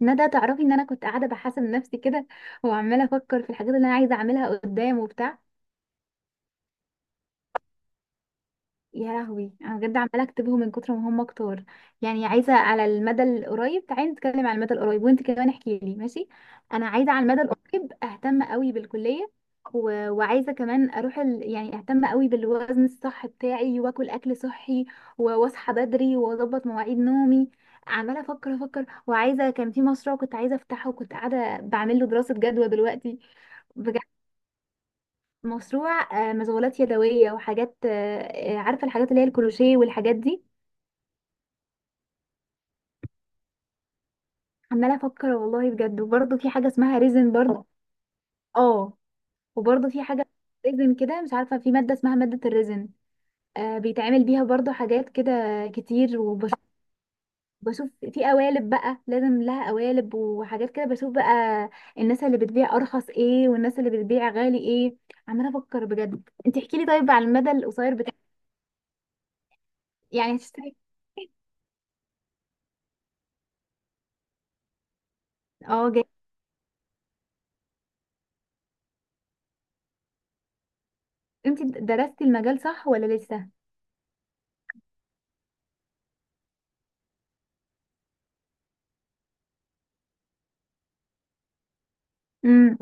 ندى، تعرفي ان انا كنت قاعده بحاسب نفسي كده وعماله افكر في الحاجات اللي انا عايزه اعملها قدام وبتاع. يا لهوي، انا بجد عماله اكتبهم من كتر ما هم كتار. يعني عايزه على المدى القريب، تعالي نتكلم على المدى القريب، وانت كمان احكي لي. ماشي. انا عايزه على المدى القريب اهتم قوي بالكليه. وعايزه كمان اروح يعني اهتم قوي بالوزن الصح بتاعي واكل اكل صحي. و- واصحى بدري واظبط مواعيد نومي. عماله افكر وعايزه، كان في مشروع كنت عايزه افتحه وكنت قاعده بعمل له دراسه جدوى دلوقتي. بجد، مشروع. مشغولات يدوية وحاجات، عارفة الحاجات اللي هي الكروشيه والحاجات دي. عمالة أفكر والله بجد، وبرضه في حاجة اسمها ريزن برضه. اه، وبرضه في حاجة. ريزن كده، مش عارفة، في مادة اسمها مادة الريزن. بيتعمل بيها برضه حاجات كده كتير وبشوف. في قوالب بقى، لازم لها قوالب وحاجات كده، بشوف بقى الناس اللي بتبيع أرخص ايه والناس اللي بتبيع غالي ايه. عمالة أفكر بجد، انت احكيلي طيب على المدى القصير بتاع. يعني هتشتري. اه، انت درستي المجال صح ولا لسه؟ امم.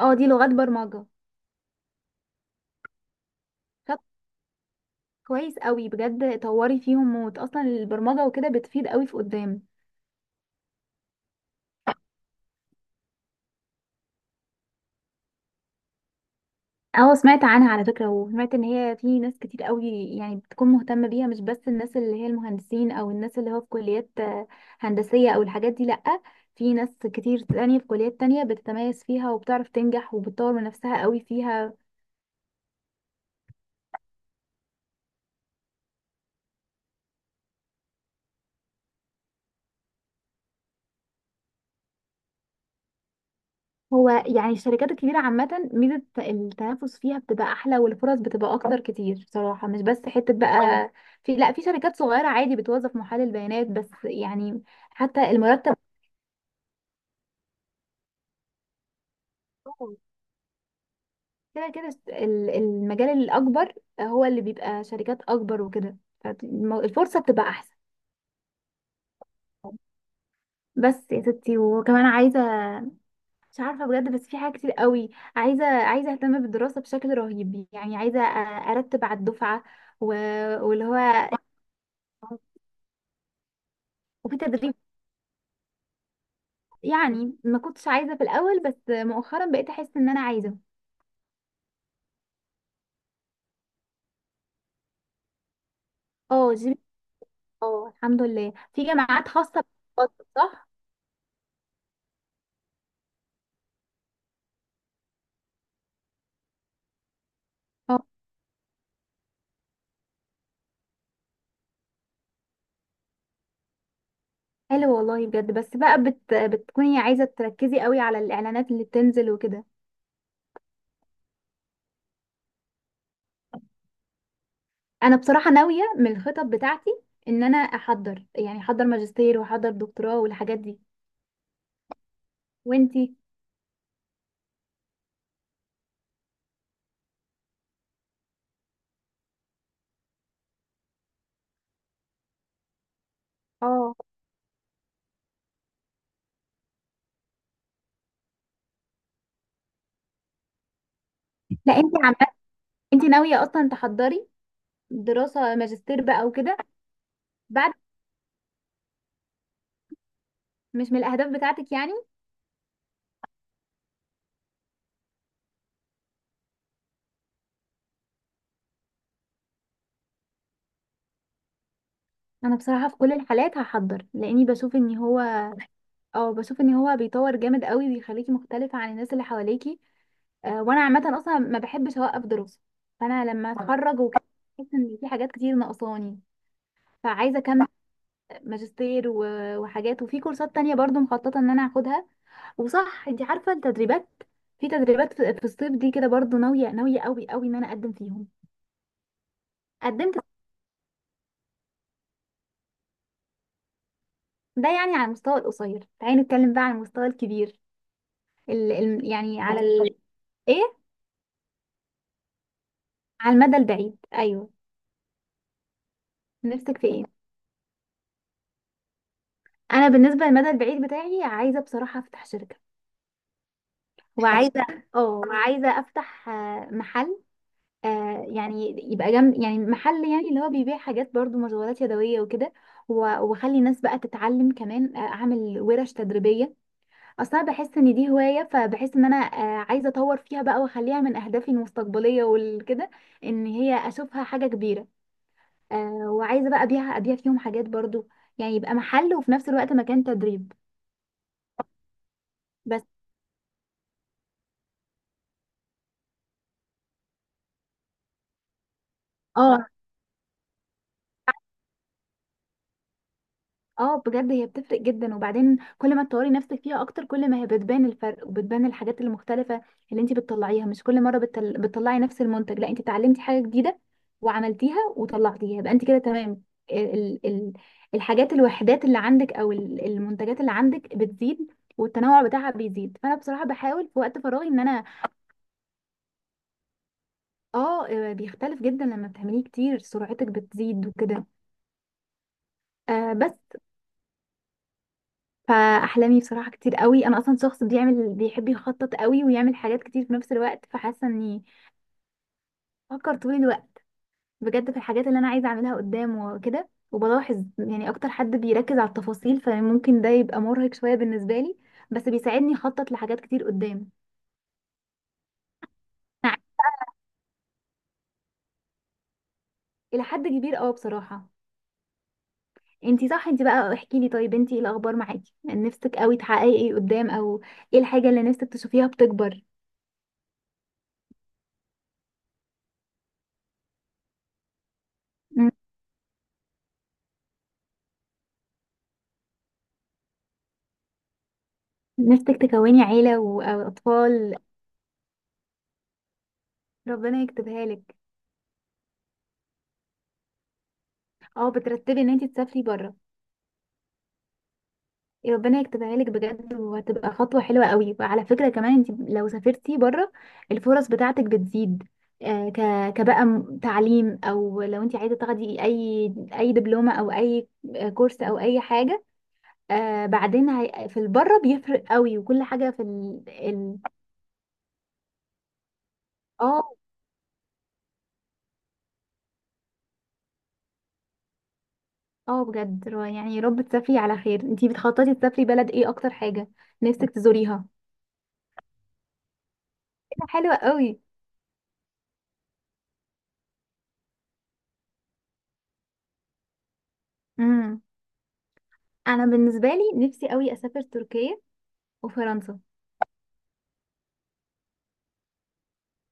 اه، دي لغات برمجة. طب، كويس قوي بجد، طوري فيهم موت، اصلا البرمجة وكده بتفيد قوي في قدام. اه، سمعت عنها على فكرة، وسمعت ان هي في ناس كتير قوي يعني بتكون مهتمة بيها، مش بس الناس اللي هي المهندسين او الناس اللي هو في كليات هندسية او الحاجات دي، لأ. في ناس كتير تانية في كليات تانية بتتميز فيها وبتعرف تنجح وبتطور من نفسها قوي فيها. هو يعني الشركات الكبيرة عامة ميزة التنافس فيها بتبقى أحلى والفرص بتبقى أكتر كتير بصراحة، مش بس حتة بقى في، لا، في شركات صغيرة عادي بتوظف محلل بيانات بس يعني. حتى المرتب كده كده، المجال الأكبر هو اللي بيبقى شركات أكبر وكده، فالفرصة بتبقى أحسن. بس يا ستي، وكمان عايزة، مش عارفة بجد، بس في حاجات كتير قوي. عايزة اهتم بالدراسة بشكل رهيب، يعني عايزة ارتب على الدفعة و... واللي هو وفي تدريب، يعني ما كنتش عايزة في الأول بس مؤخرا بقيت أحس إن أنا عايزة. اه، جيم. اه الحمد لله، في جامعات خاصة بتفضل، صح؟ اه، حلو والله بجد، بس بقى بتكوني عايزة تركزي قوي على الإعلانات اللي بتنزل وكده. أنا بصراحة ناوية من الخطط بتاعتي إن أنا أحضر، يعني أحضر ماجستير وأحضر دكتوراه والحاجات دي. وإنتي؟ اه، لا، إنتي إنتي ناوية أصلا تحضري دراسة ماجستير بقى وكده، بعد؟ مش من الأهداف بتاعتك يعني. انا بصراحه في كل الحالات هحضر، لاني بشوف ان هو، اه، بشوف ان هو بيطور جامد قوي، بيخليكي مختلفه عن الناس اللي حواليكي. وانا عامه اصلا ما بحبش اوقف دراسه، فانا لما اتخرج وكده بحس ان في حاجات كتير ناقصاني، فعايزه اكمل ماجستير و- وحاجات، وفي كورسات تانية برضو مخططه ان انا هاخدها. وصح، انت عارفه التدريبات؟ في تدريبات في الصيف دي كده، برضو ناويه ناويه قوي قوي ان انا اقدم فيهم. قدمت. ده يعني على المستوى القصير. تعالي نتكلم بقى على المستوى الكبير، ال ال يعني على ايه. على المدى البعيد، ايوه. نفسك في ايه؟ انا بالنسبه للمدى البعيد بتاعي عايزه بصراحه افتح شركه. وعايزه اه وعايزه افتح محل، يعني يبقى جنب، يعني محل يعني اللي هو بيبيع حاجات برضو مشغولات يدويه وكده، و- واخلي الناس بقى تتعلم كمان، اعمل ورش تدريبيه. اصلا بحس ان دي هوايه، فبحس ان انا عايزه اطور فيها بقى واخليها من اهدافي المستقبليه والكده، ان هي اشوفها حاجه كبيره. وعايزه بقى ابيع فيهم حاجات برضو، يعني يبقى محل وفي نفس الوقت مكان تدريب. بس. اه. اه بجد، هي بتفرق جدا، وبعدين كل ما تطوري نفسك فيها اكتر، كل ما هي بتبان الفرق وبتبان الحاجات المختلفه اللي انت بتطلعيها. مش كل مره بتطلعي نفس المنتج، لا، انت اتعلمتي حاجه جديده وعملتيها وطلعتيها يبقى انت كده تمام. ال... ال... الوحدات اللي عندك او المنتجات اللي عندك بتزيد، والتنوع بتاعها بيزيد، فانا بصراحه بحاول في وقت فراغي ان انا. بيختلف جدا، لما بتعمليه كتير سرعتك بتزيد وكده. بس. فاحلامي بصراحه كتير قوي، انا اصلا شخص بيحب يخطط قوي ويعمل حاجات كتير في نفس الوقت، فحاسه اني بفكر طول الوقت بجد في الحاجات اللي انا عايزه اعملها قدام وكده، وبلاحظ يعني اكتر حد بيركز على التفاصيل، فممكن ده يبقى مرهق شويه بالنسبه لي، بس بيساعدني اخطط لحاجات كتير قدام. نعم. الى حد كبير، اه بصراحه. انتي صح، انتي بقى احكي لي، طيب انتي ايه الاخبار معاكي؟ يعني نفسك قوي تحققي ايه قدام، او ايه الحاجه اللي نفسك تشوفيها بتكبر؟ مم. نفسك تكوني عيله او اطفال؟ ربنا يكتبها لك. اه، بترتبي ان انتي تسافري بره. ربنا يكتبها لك بجد، وهتبقى خطوه حلوه قوي. وعلى فكره كمان، انتي لو سافرتي بره الفرص بتاعتك بتزيد، آه، ك كبقى تعليم، او لو انتي عايزه تاخدي اي اي دبلومه او اي كورس او اي حاجه، بعدين في البره بيفرق قوي، وكل حاجه في ال ال اه اه بجد، يعني يا رب تسافري على خير. انتي بتخططي تسافري بلد ايه اكتر حاجه نفسك تزوريها؟ إيه ده، حلوه قوي. امم. انا بالنسبه لي نفسي قوي اسافر تركيا وفرنسا،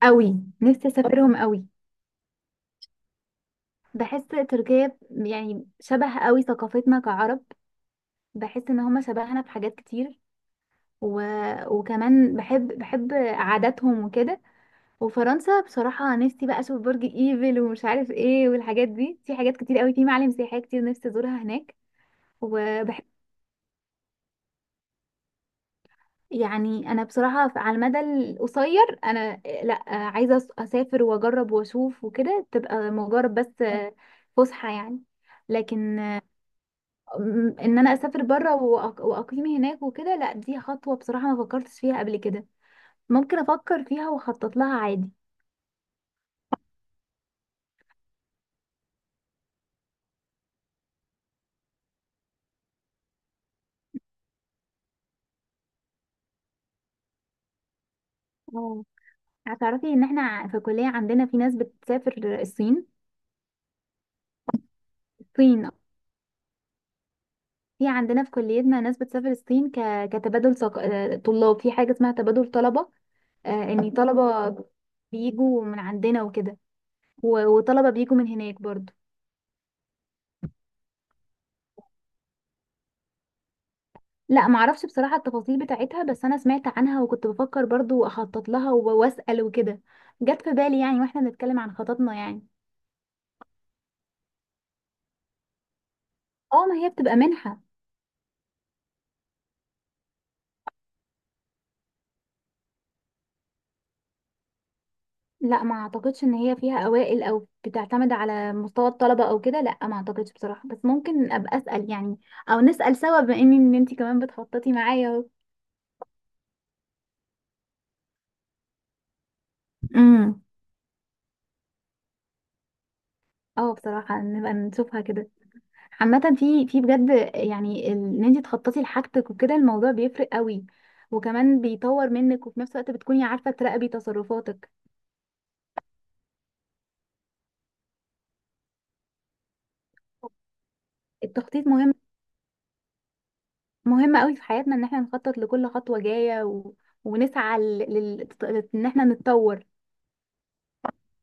قوي نفسي اسافرهم قوي. بحس تركيا يعني شبه قوي ثقافتنا كعرب، بحس ان هما شبهنا في حاجات كتير، و... وكمان بحب عاداتهم وكده. وفرنسا بصراحة نفسي بقى اشوف برج ايفل ومش عارف ايه والحاجات دي، في حاجات كتير قوي، في معالم سياحية كتير نفسي ازورها هناك. وبحب، يعني انا بصراحة على المدى القصير انا لا، عايزة اسافر واجرب واشوف وكده، تبقى مجرد بس فسحة يعني. لكن ان انا اسافر بره واقيم هناك وكده، لا، دي خطوة بصراحة ما فكرتش فيها قبل كده، ممكن افكر فيها واخطط لها عادي. اه. هتعرفي ان احنا في الكلية عندنا في ناس بتسافر الصين. الصين، في عندنا في كليتنا ناس بتسافر الصين كتبادل ثق... آه، طلاب، في حاجة اسمها تبادل طلبة، ان طلبة بيجوا من عندنا وكده، و- وطلبة بيجوا من هناك برضو. لا معرفش بصراحة التفاصيل بتاعتها، بس انا سمعت عنها وكنت بفكر برضو اخطط لها و- واسأل وكده، جت في بالي يعني واحنا بنتكلم عن خططنا يعني. اه، ما هي بتبقى منحة. لا، ما اعتقدش ان هي فيها اوائل او بتعتمد على مستوى الطلبه او كده، لا ما اعتقدش بصراحه، بس ممكن ابقى اسال يعني، او نسال سوا بما ان انت كمان بتخططي معايا اهو. امم. اه بصراحه نبقى نشوفها كده. عامه في بجد يعني، ان انت تخططي لحاجتك وكده الموضوع بيفرق قوي، وكمان بيطور منك، وفي نفس الوقت بتكوني عارفه تراقبي تصرفاتك. التخطيط مهم، مهم قوي في حياتنا ان احنا نخطط لكل خطوه جايه، و... ونسعى لل... لل... ان احنا نتطور.